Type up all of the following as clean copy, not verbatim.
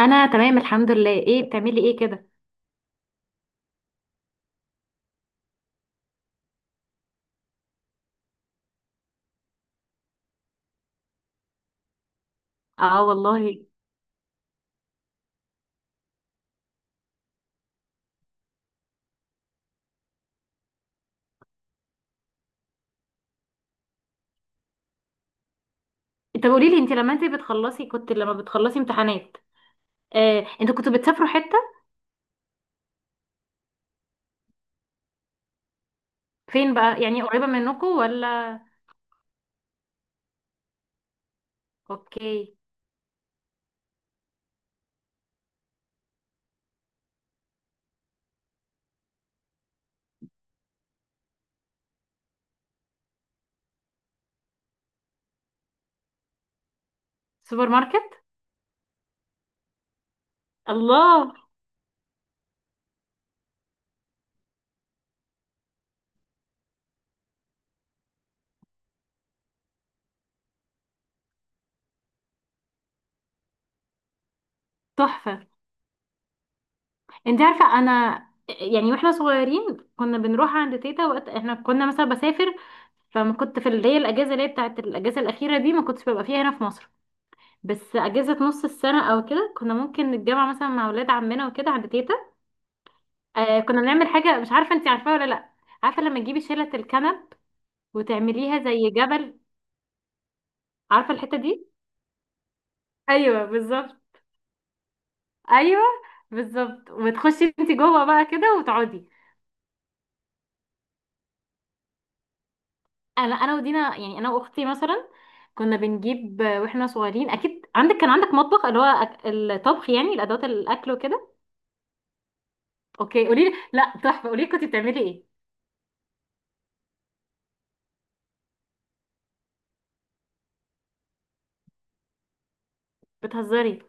انا تمام الحمد لله. ايه بتعملي ايه كده؟ اه والله. طب قولي لي، انت لما انت بتخلصي كنت لما بتخلصي امتحانات؟ انتوا كنتوا بتسافروا حتة؟ فين بقى، يعني قريبة منكم ولا؟ اوكي. سوبر ماركت. الله. تحفة. انت عارفة، انا يعني واحنا صغيرين كنا بنروح عند تيتا وقت احنا كنا مثلا بسافر. فما كنت في اللي هي الاجازة اللي هي بتاعت الاجازة الاخيرة دي ما كنتش ببقى فيها هنا في مصر. بس اجازة نص السنة او كده كنا ممكن نتجمع مثلا مع ولاد عمنا وكده عند تيتا. كنا بنعمل حاجة، مش عارفة انتي عارفاها ولا لأ. عارفة لما تجيبي شيلة الكنب وتعمليها زي جبل؟ عارفة الحتة دي؟ ايوه بالظبط. ايوه بالظبط، وتخشي انتي جوه بقى كده وتقعدي. انا ودينا، يعني انا واختي مثلا كنا بنجيب واحنا صغيرين اكيد عندك مطبخ، اللي هو الطبخ، يعني الادوات الاكل وكده. اوكي، قولي لي. لا تحفة، قولي لي، كنتي بتعملي ايه؟ بتهزري.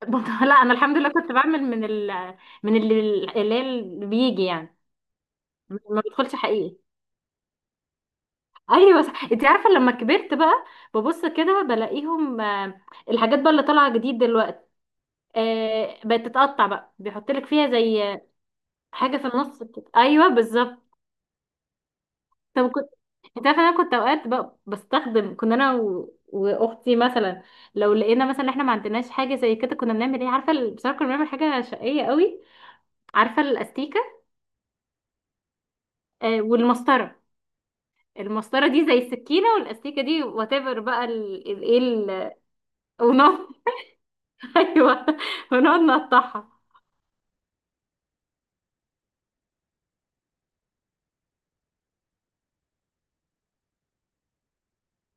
لا انا الحمد لله كنت بعمل من ال من اللي اللي هي اللي بيجي يعني. ما بيدخلش حقيقي. ايوه صح. انت عارفه لما كبرت بقى، ببص كده بلاقيهم الحاجات بقى اللي طالعه جديد دلوقتي، بقت تتقطع بقى، بيحط لك فيها زي حاجه في النص كده. ايوه بالظبط. طب كنت. انت عارفه انا كنت اوقات بقى بستخدم، كنا انا واختي مثلا. لو لقينا مثلا احنا ما عندناش حاجه زي كده، كنا بنعمل ايه عارفه بصراحه كنا بنعمل حاجه شقيه قوي. عارفه الاستيكه؟ والمسطره. المسطره دي زي السكينه والاستيكه دي، وات ايفر بقى، ايه ونار. ايوه. ونقعد نقطعها.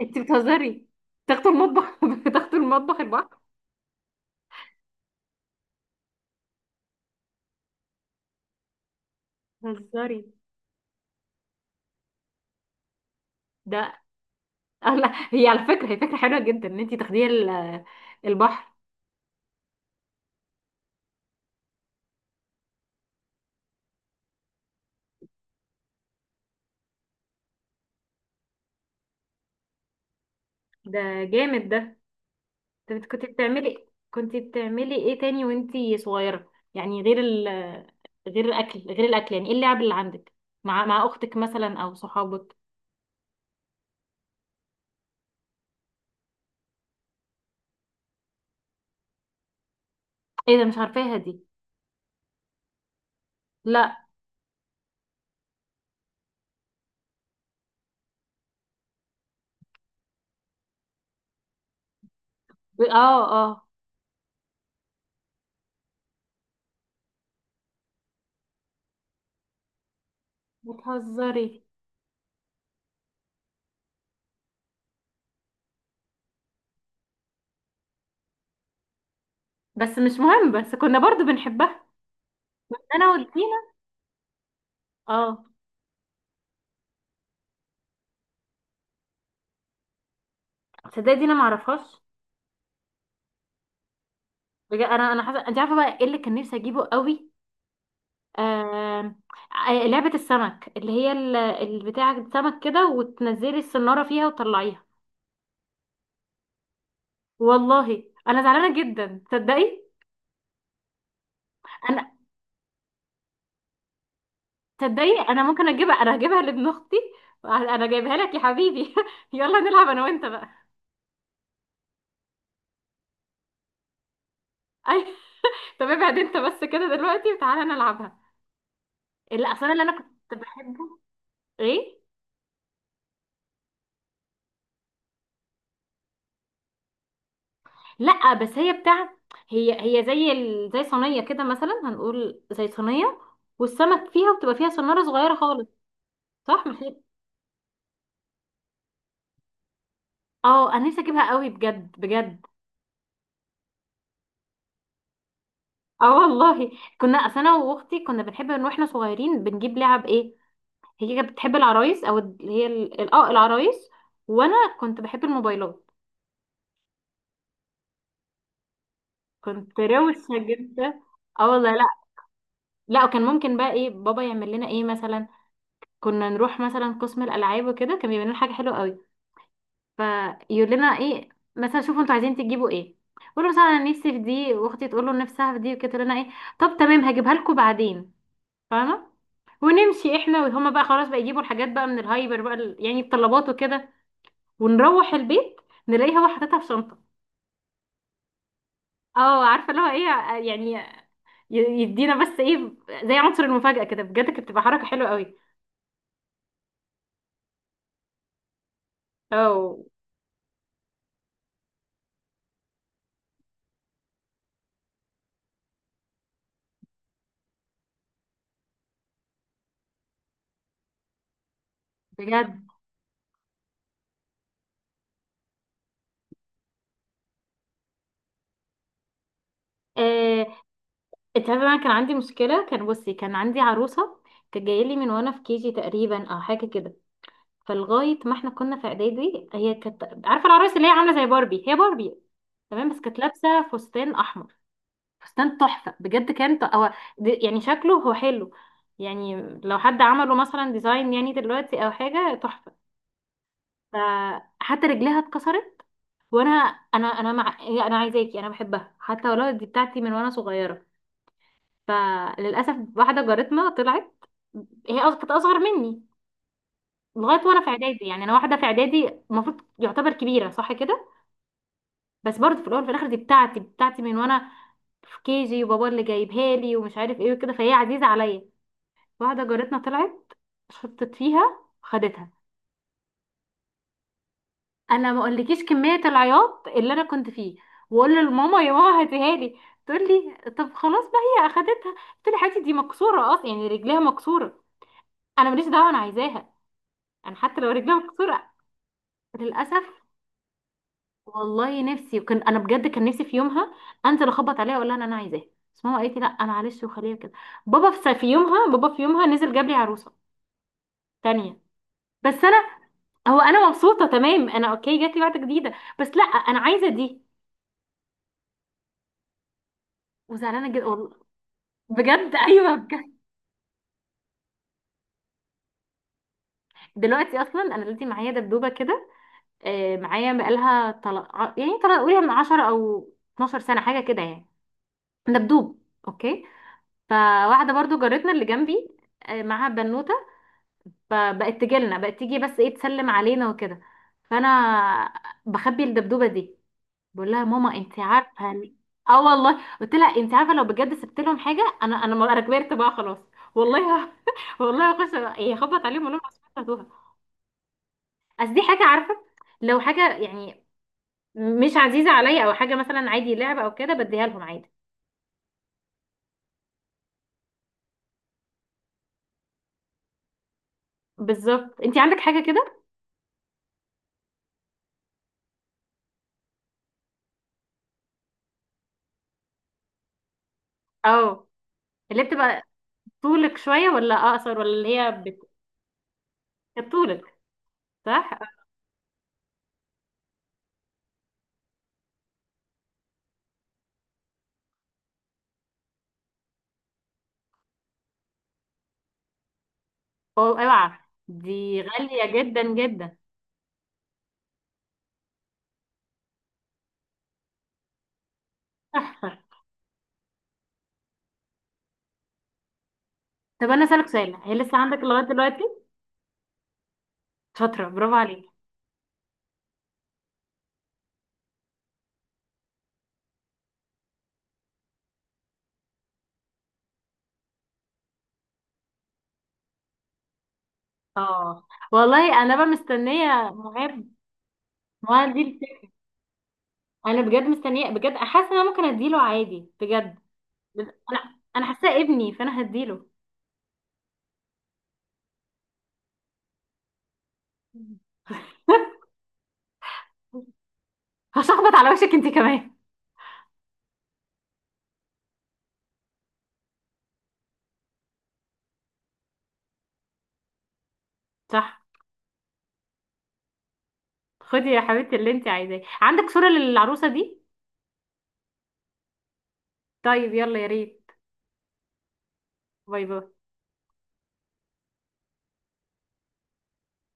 انت بتهزري. تاخدوا المطبخ؟ بتاخدوا المطبخ البحر. بتهزري. ده. لا، هي على فكره، هي فكره حلوه جدا ان انت تاخديه البحر. ده جامد ده. طب انت كنت بتعملي ايه تاني وانت صغيره؟ يعني غير ال غير الاكل غير الاكل، يعني ايه اللعب اللي عندك مع اختك مثلا او صحابك؟ ايه ده؟ مش عارفاها دي. لا. ب- اه اه بتهزري. بس مش مهم، بس كنا برضو بنحبها. انا والدي. اه. تصدقي دي انا ما اعرفهاش. بجد انا حاسه. انت عارفه بقى ايه اللي كان نفسي اجيبه قوي؟ آه... لعبه السمك، اللي هي البتاع السمك كده، وتنزلي السناره فيها وتطلعيها. والله انا زعلانه جدا، تصدقي. انا، تصدقي انا ممكن اجيبها، انا هجيبها لابن اختي. انا جايبها لك يا حبيبي. يلا نلعب انا وانت بقى. اي. طب ابعد انت بس كده دلوقتي وتعالى نلعبها. اللي اصلا اللي انا كنت بحبه. ايه؟ لا بس هي بتاعت. هي زي صينيه كده، مثلا هنقول زي صينيه، والسمك فيها، وبتبقى فيها صناره صغيره خالص. صح اه انا نفسي اجيبها قوي، بجد بجد. اه والله. كنا اصل انا واختي كنا بنحب ان واحنا صغيرين بنجيب لعب ايه. هي كانت بتحب العرايس، او اللي هي العرايس. وانا كنت بحب الموبايلات. كنت روشه جدا. اه والله. لا، لا وكان ممكن بقى ايه بابا يعمل لنا، ايه مثلا؟ كنا نروح مثلا قسم الالعاب وكده، كان بيعمل لنا حاجه حلوه قوي. فيقول لنا ايه مثلا: شوفوا انتوا عايزين تجيبوا ايه. قولوا مثلا انا نفسي في دي، واختي تقول له نفسها في دي وكده، تقول لنا ايه: طب تمام هجيبها لكم بعدين. فاهمه؟ ونمشي احنا وهما بقى، خلاص بقى يجيبوا الحاجات بقى من الهايبر بقى، يعني الطلبات وكده، ونروح البيت نلاقيه هو حاططها في شنطه. اه عارفه اللي هو ايه يعني، يدينا بس ايه زي عنصر المفاجاه كده، بجد كانت بتبقى حركه حلوه قوي. اه بجد. آه، انت عارفه انا كان عندي مشكله؟ كان بصي كان عندي عروسه، كانت جايه لي من وانا في كيجي تقريبا او حاجه كده. فلغايه ما احنا كنا في اعدادي، هي كانت عارفه العرايس اللي هي عامله زي باربي؟ هي باربي تمام، بس كانت لابسه فستان احمر. فستان تحفه بجد. كان هو يعني شكله هو حلو يعني، لو حد عمله مثلا ديزاين يعني دلوقتي او حاجه، تحفه. فحتى رجليها اتكسرت. وانا، انا مع، انا عايزاكي، انا بحبها، حتى ولو دي بتاعتي من وانا صغيره. فللاسف واحده جارتنا طلعت، هي كانت اصغر مني، لغايه وانا في اعدادي. يعني انا واحده في اعدادي، المفروض يعتبر كبيره صح كده، بس برضه في الاول وفي الاخر دي بتاعتي بتاعتي من وانا في كيجي، وبابا اللي جايبها لي ومش عارف ايه وكده، فهي عزيزه عليا. واحده جارتنا طلعت شطت فيها، خدتها. انا ما اقولكيش كميه العياط اللي انا كنت فيه، واقول لماما: يا ماما هاتيها لي. تقول لي: طب خلاص بقى هي اخدتها. قلت لها: يا حبيبتي دي مكسوره اصلا، يعني رجليها مكسوره، انا ماليش دعوه انا عايزاها، انا حتى لو رجلي مكسوره. للاسف. والله نفسي، وكان انا بجد كان نفسي في يومها انزل اخبط عليها اقول لها إن انا عايزاه. بس ماما قالت لي لا معلش، وخليها كده. بابا في يومها نزل جاب لي عروسه تانية. بس انا، هو انا مبسوطه تمام، انا اوكي جات لي واحده جديده، بس لا انا عايزه دي. وزعلانه جدا والله. بجد. ايوه بجد. دلوقتي اصلا، انا دلوقتي معايا دبدوبه كده، معايا بقالها، طلع قولي من 10 او 12 سنه حاجه كده يعني. دبدوب. اوكي. فواحده برضو جارتنا اللي جنبي، معاها بنوته، فبقت تجيلنا بقت تيجي بس ايه تسلم علينا وكده. فانا بخبي الدبدوبه دي. بقول لها: ماما انت عارفه اه والله قلت لها انت عارفه لو بجد سبت لهم حاجه انا، انا كبرت بقى خلاص. والله والله هخش يخبط عليهم اقول لهم: أصل أنتوا هاتوها، اصل دي حاجه، عارفه؟ لو حاجه يعني مش عزيزه عليا، او حاجه مثلا عادي لعبه او كده، بديها لهم عادي. بالظبط. انت عندك حاجه كده؟ اه. اللي بتبقى طولك شوية ولا أقصر، ولا اللي هي كانت طولك؟ صح؟ أوعى! دي غالية جدا جدا. تحفة. طب أنا أسألك سؤال، هي لسه عندك لغاية دلوقتي؟ شاطرة، برافو عليك. اه والله. أنا بقى مستنية. مهاب، ما دي الفكرة. أنا بجد مستنية، بجد حاسة إن أنا ممكن أديله عادي بجد. أنا حاساه ابني، فأنا هديله. هشخبط على وشك أنت كمان. صح. خدي يا حبيبتي اللي أنت عايزاه. عندك صورة للعروسة دي؟ طيب يلا يا ريت. باي باي.